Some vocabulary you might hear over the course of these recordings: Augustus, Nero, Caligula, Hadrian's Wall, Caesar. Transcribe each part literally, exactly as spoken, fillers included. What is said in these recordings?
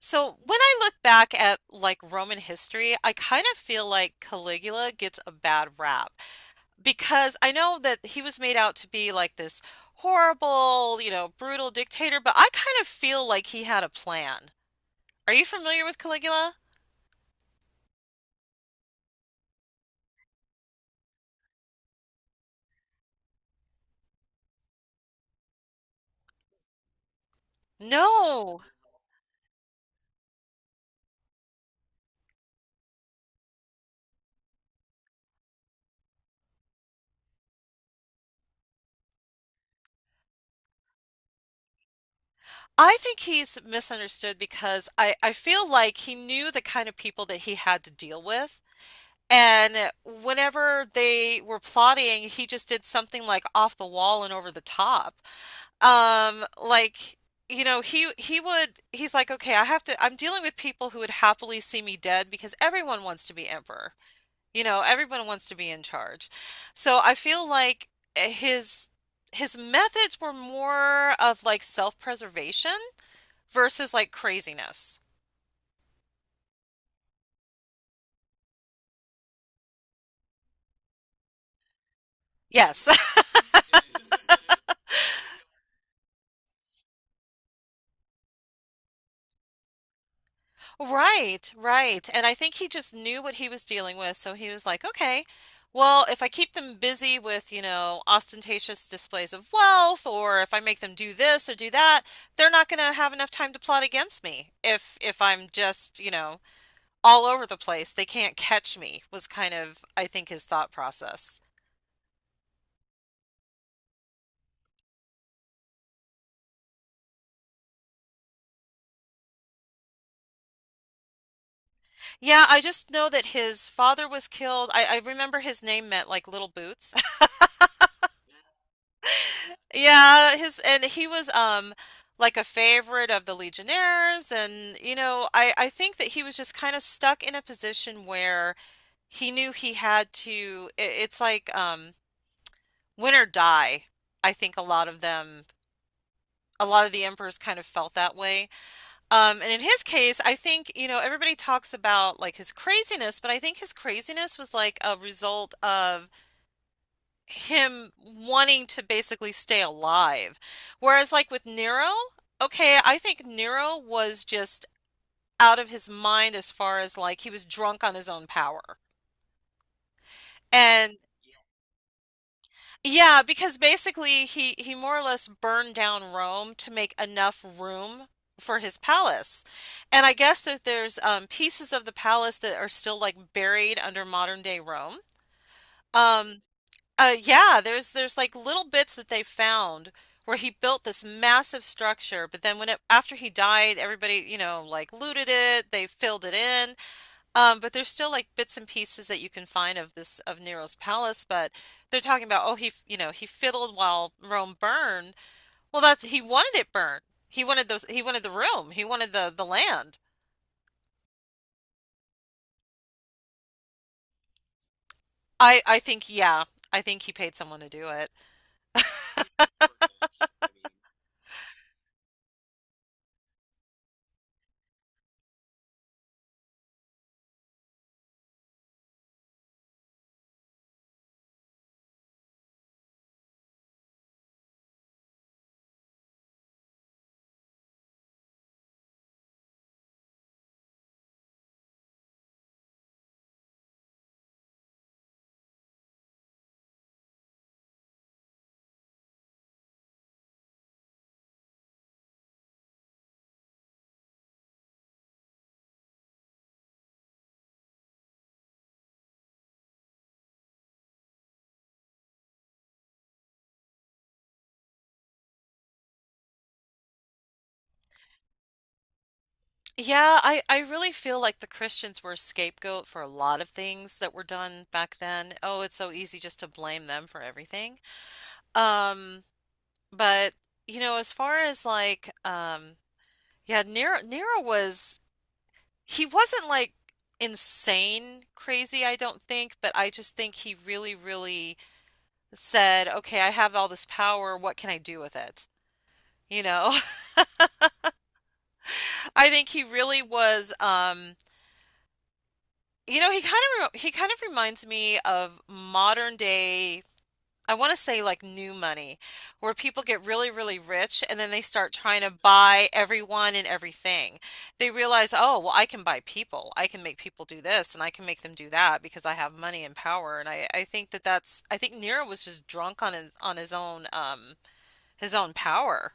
So when I look back at like Roman history, I kind of feel like Caligula gets a bad rap because I know that he was made out to be like this horrible, you know, brutal dictator, but I kind of feel like he had a plan. Are you familiar with Caligula? No. I think he's misunderstood because I, I feel like he knew the kind of people that he had to deal with. And whenever they were plotting, he just did something like off the wall and over the top. Um, like, you know, he he would he's like, okay, I have to I'm dealing with people who would happily see me dead because everyone wants to be emperor. You know, everyone wants to be in charge. So I feel like eh, his his methods were more of like self-preservation versus like craziness. Yes. Right, right. And I think he just knew what he was dealing with, so he was like, okay, well, if I keep them busy with, you know, ostentatious displays of wealth, or if I make them do this or do that, they're not going to have enough time to plot against me. If if I'm just, you know, all over the place, they can't catch me, was kind of, I think, his thought process. Yeah, I just know that his father was killed. I, I remember his name meant like little boots. Yeah, his and he was um like a favorite of the Legionnaires, and you know, I I think that he was just kind of stuck in a position where he knew he had to I it's like um win or die. I think a lot of them a lot of the emperors kind of felt that way. Um and in his case, I think, you know, everybody talks about like his craziness, but I think his craziness was like a result of him wanting to basically stay alive. Whereas, like with Nero, okay, I think Nero was just out of his mind as far as like he was drunk on his own power. And yeah, because basically he he more or less burned down Rome to make enough room for his palace. And I guess that there's um, pieces of the palace that are still like buried under modern day Rome. Um, Uh, yeah, there's there's like little bits that they found where he built this massive structure, but then when it after he died, everybody, you know, like looted it, they filled it in. Um, but there's still like bits and pieces that you can find of this of Nero's palace, but they're talking about oh he, f- you know, he fiddled while Rome burned. Well, that's he wanted it burned. He wanted those he wanted the room. He wanted the the land. I I think yeah, I think he paid someone to do it. Yeah, I, I really feel like the Christians were a scapegoat for a lot of things that were done back then. Oh, it's so easy just to blame them for everything. Um, but You know, as far as like, um, yeah, Nero Nero was he wasn't like insane crazy, I don't think, but I just think he really, really said, okay, I have all this power, what can I do with it? You know, I think he really was, um. You know, he kind of he kind of reminds me of modern day, I want to say like new money, where people get really, really rich and then they start trying to buy everyone and everything. They realize, oh, well, I can buy people. I can make people do this and I can make them do that because I have money and power. And I, I think that that's, I think Nero was just drunk on his on his own um his own power.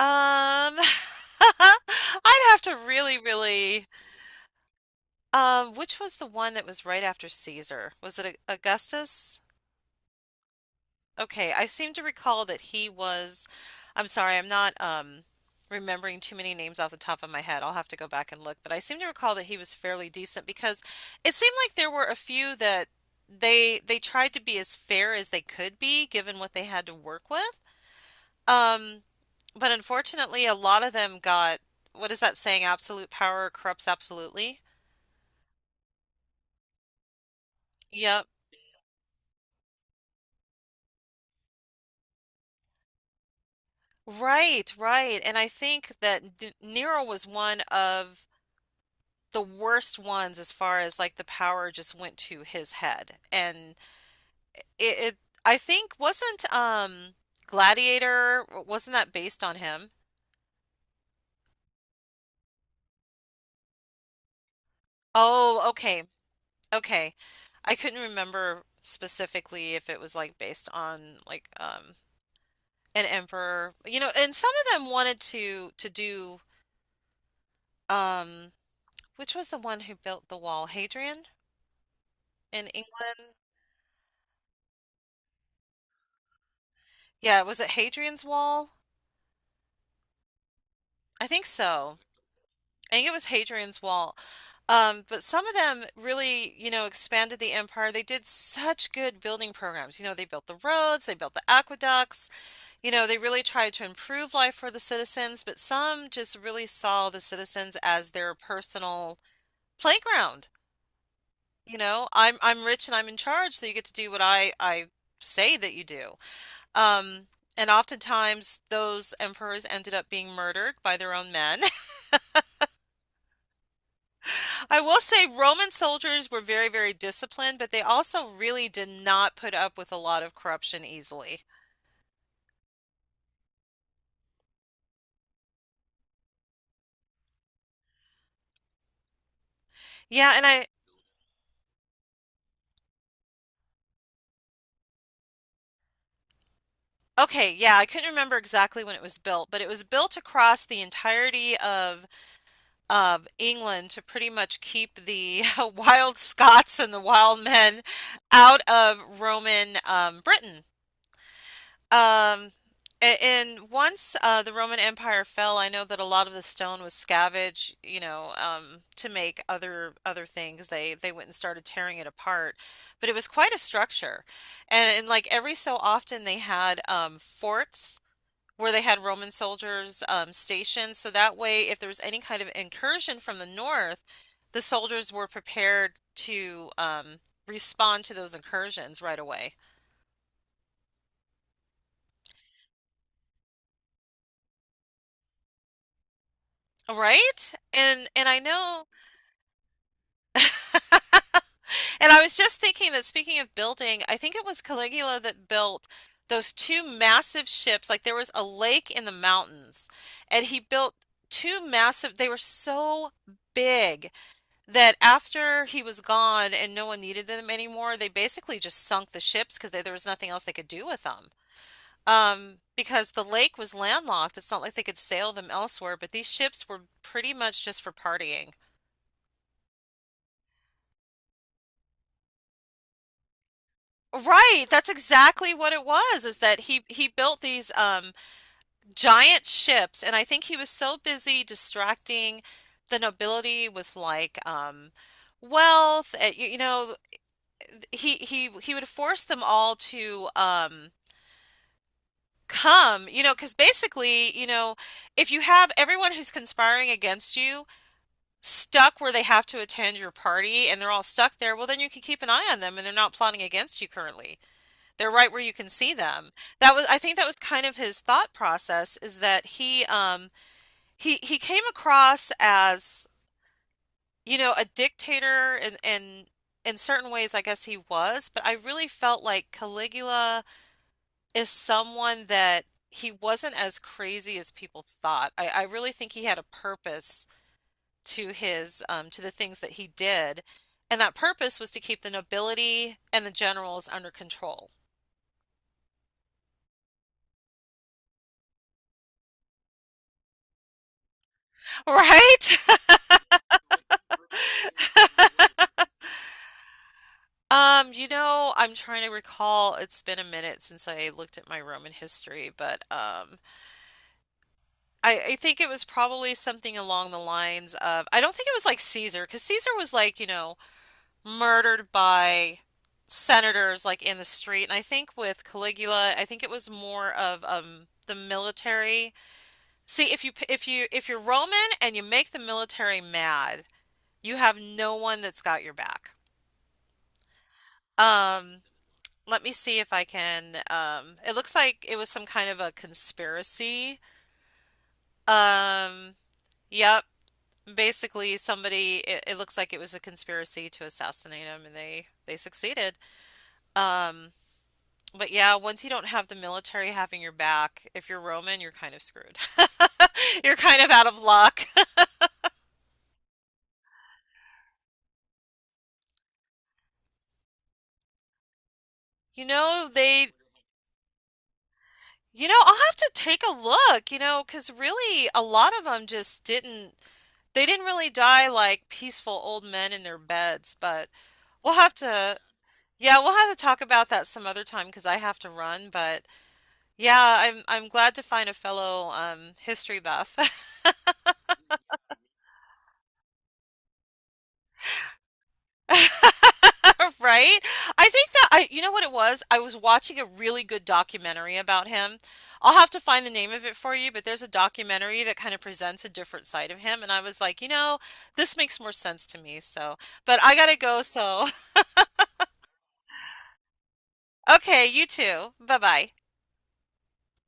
Um, I'd have to really, really Um, which was the one that was right after Caesar? Was it A- Augustus? Okay, I seem to recall that he was. I'm sorry, I'm not um, remembering too many names off the top of my head. I'll have to go back and look, but I seem to recall that he was fairly decent because it seemed like there were a few that they they tried to be as fair as they could be given what they had to work with. Um, but unfortunately, a lot of them got, what is that saying? Absolute power corrupts absolutely. Yep. Right, right. And I think that D Nero was one of the worst ones as far as like the power just went to his head. And it, it I think wasn't um Gladiator, wasn't that based on him? Oh, okay. Okay. I couldn't remember specifically if it was like based on like um an emperor. You know, and some of them wanted to to do um which was the one who built the wall? Hadrian in England? Yeah, was it Hadrian's Wall? I think so. I think it was Hadrian's Wall. Um, but some of them really, you know, expanded the empire. They did such good building programs. You know, they built the roads, they built the aqueducts. You know, they really tried to improve life for the citizens, but some just really saw the citizens as their personal playground. You know, I'm I'm rich and I'm in charge, so you get to do what I I say that you do. Um, and oftentimes those emperors ended up being murdered by their own men. I will say Roman soldiers were very, very disciplined, but they also really did not put up with a lot of corruption easily. Yeah, and I, okay, yeah, I couldn't remember exactly when it was built, but it was built across the entirety of of England to pretty much keep the wild Scots and the wild men out of Roman um, Britain. Um, a- and once uh, the Roman Empire fell, I know that a lot of the stone was scavenged, you know, um, to make other other things. They they went and started tearing it apart, but it was quite a structure, and, and like every so often they had um, forts where they had Roman soldiers um, stationed, so that way if there was any kind of incursion from the north, the soldiers were prepared to um, respond to those incursions right away. Right? And and I know And I was just thinking that speaking of building, I think it was Caligula that built those two massive ships. Like there was a lake in the mountains, and he built two massive, they were so big that after he was gone and no one needed them anymore, they basically just sunk the ships because there was nothing else they could do with them. Um, because the lake was landlocked, it's not like they could sail them elsewhere, but these ships were pretty much just for partying. Right, that's exactly what it was, is that he he built these um giant ships, and I think he was so busy distracting the nobility with like um wealth, uh, you, you know, he he he would force them all to um come, you know, because basically, you know, if you have everyone who's conspiring against you stuck where they have to attend your party and they're all stuck there, well then you can keep an eye on them and they're not plotting against you currently. They're right where you can see them. That was, I think that was kind of his thought process is that he um he he came across as, you know, a dictator, and and in certain ways I guess he was, but I really felt like Caligula is someone that he wasn't as crazy as people thought. I, I really think he had a purpose to his um to the things that he did. And that purpose was to keep the nobility and the generals under control, right? Um, you know, I'm trying to recall. It's been a minute since I looked at my Roman history, but um, I, I think it was probably something along the lines of, I don't think it was like Caesar, because Caesar was like, you know, murdered by senators like in the street. And I think with Caligula, I think it was more of um the military. See, if you p- if you if you're Roman and you make the military mad, you have no one that's got your back. Um, Let me see if I can. Um, it looks like it was some kind of a conspiracy. Um, yep. Basically, somebody. It, it looks like it was a conspiracy to assassinate him, and they they succeeded. Um, but yeah, once you don't have the military having your back, if you're Roman, you're kind of screwed. You're kind of out of luck. You know, they You know, I'll have to take a look, you know, 'cause really a lot of them just didn't they didn't really die like peaceful old men in their beds, but we'll have to yeah, we'll have to talk about that some other time 'cause I have to run, but yeah, I'm I'm glad to find a fellow um history buff. Right? I think that I, you know what it was? I was watching a really good documentary about him. I'll have to find the name of it for you, but there's a documentary that kind of presents a different side of him. And I was like, you know, this makes more sense to me. So, but I gotta go. So, okay, you too. Bye bye.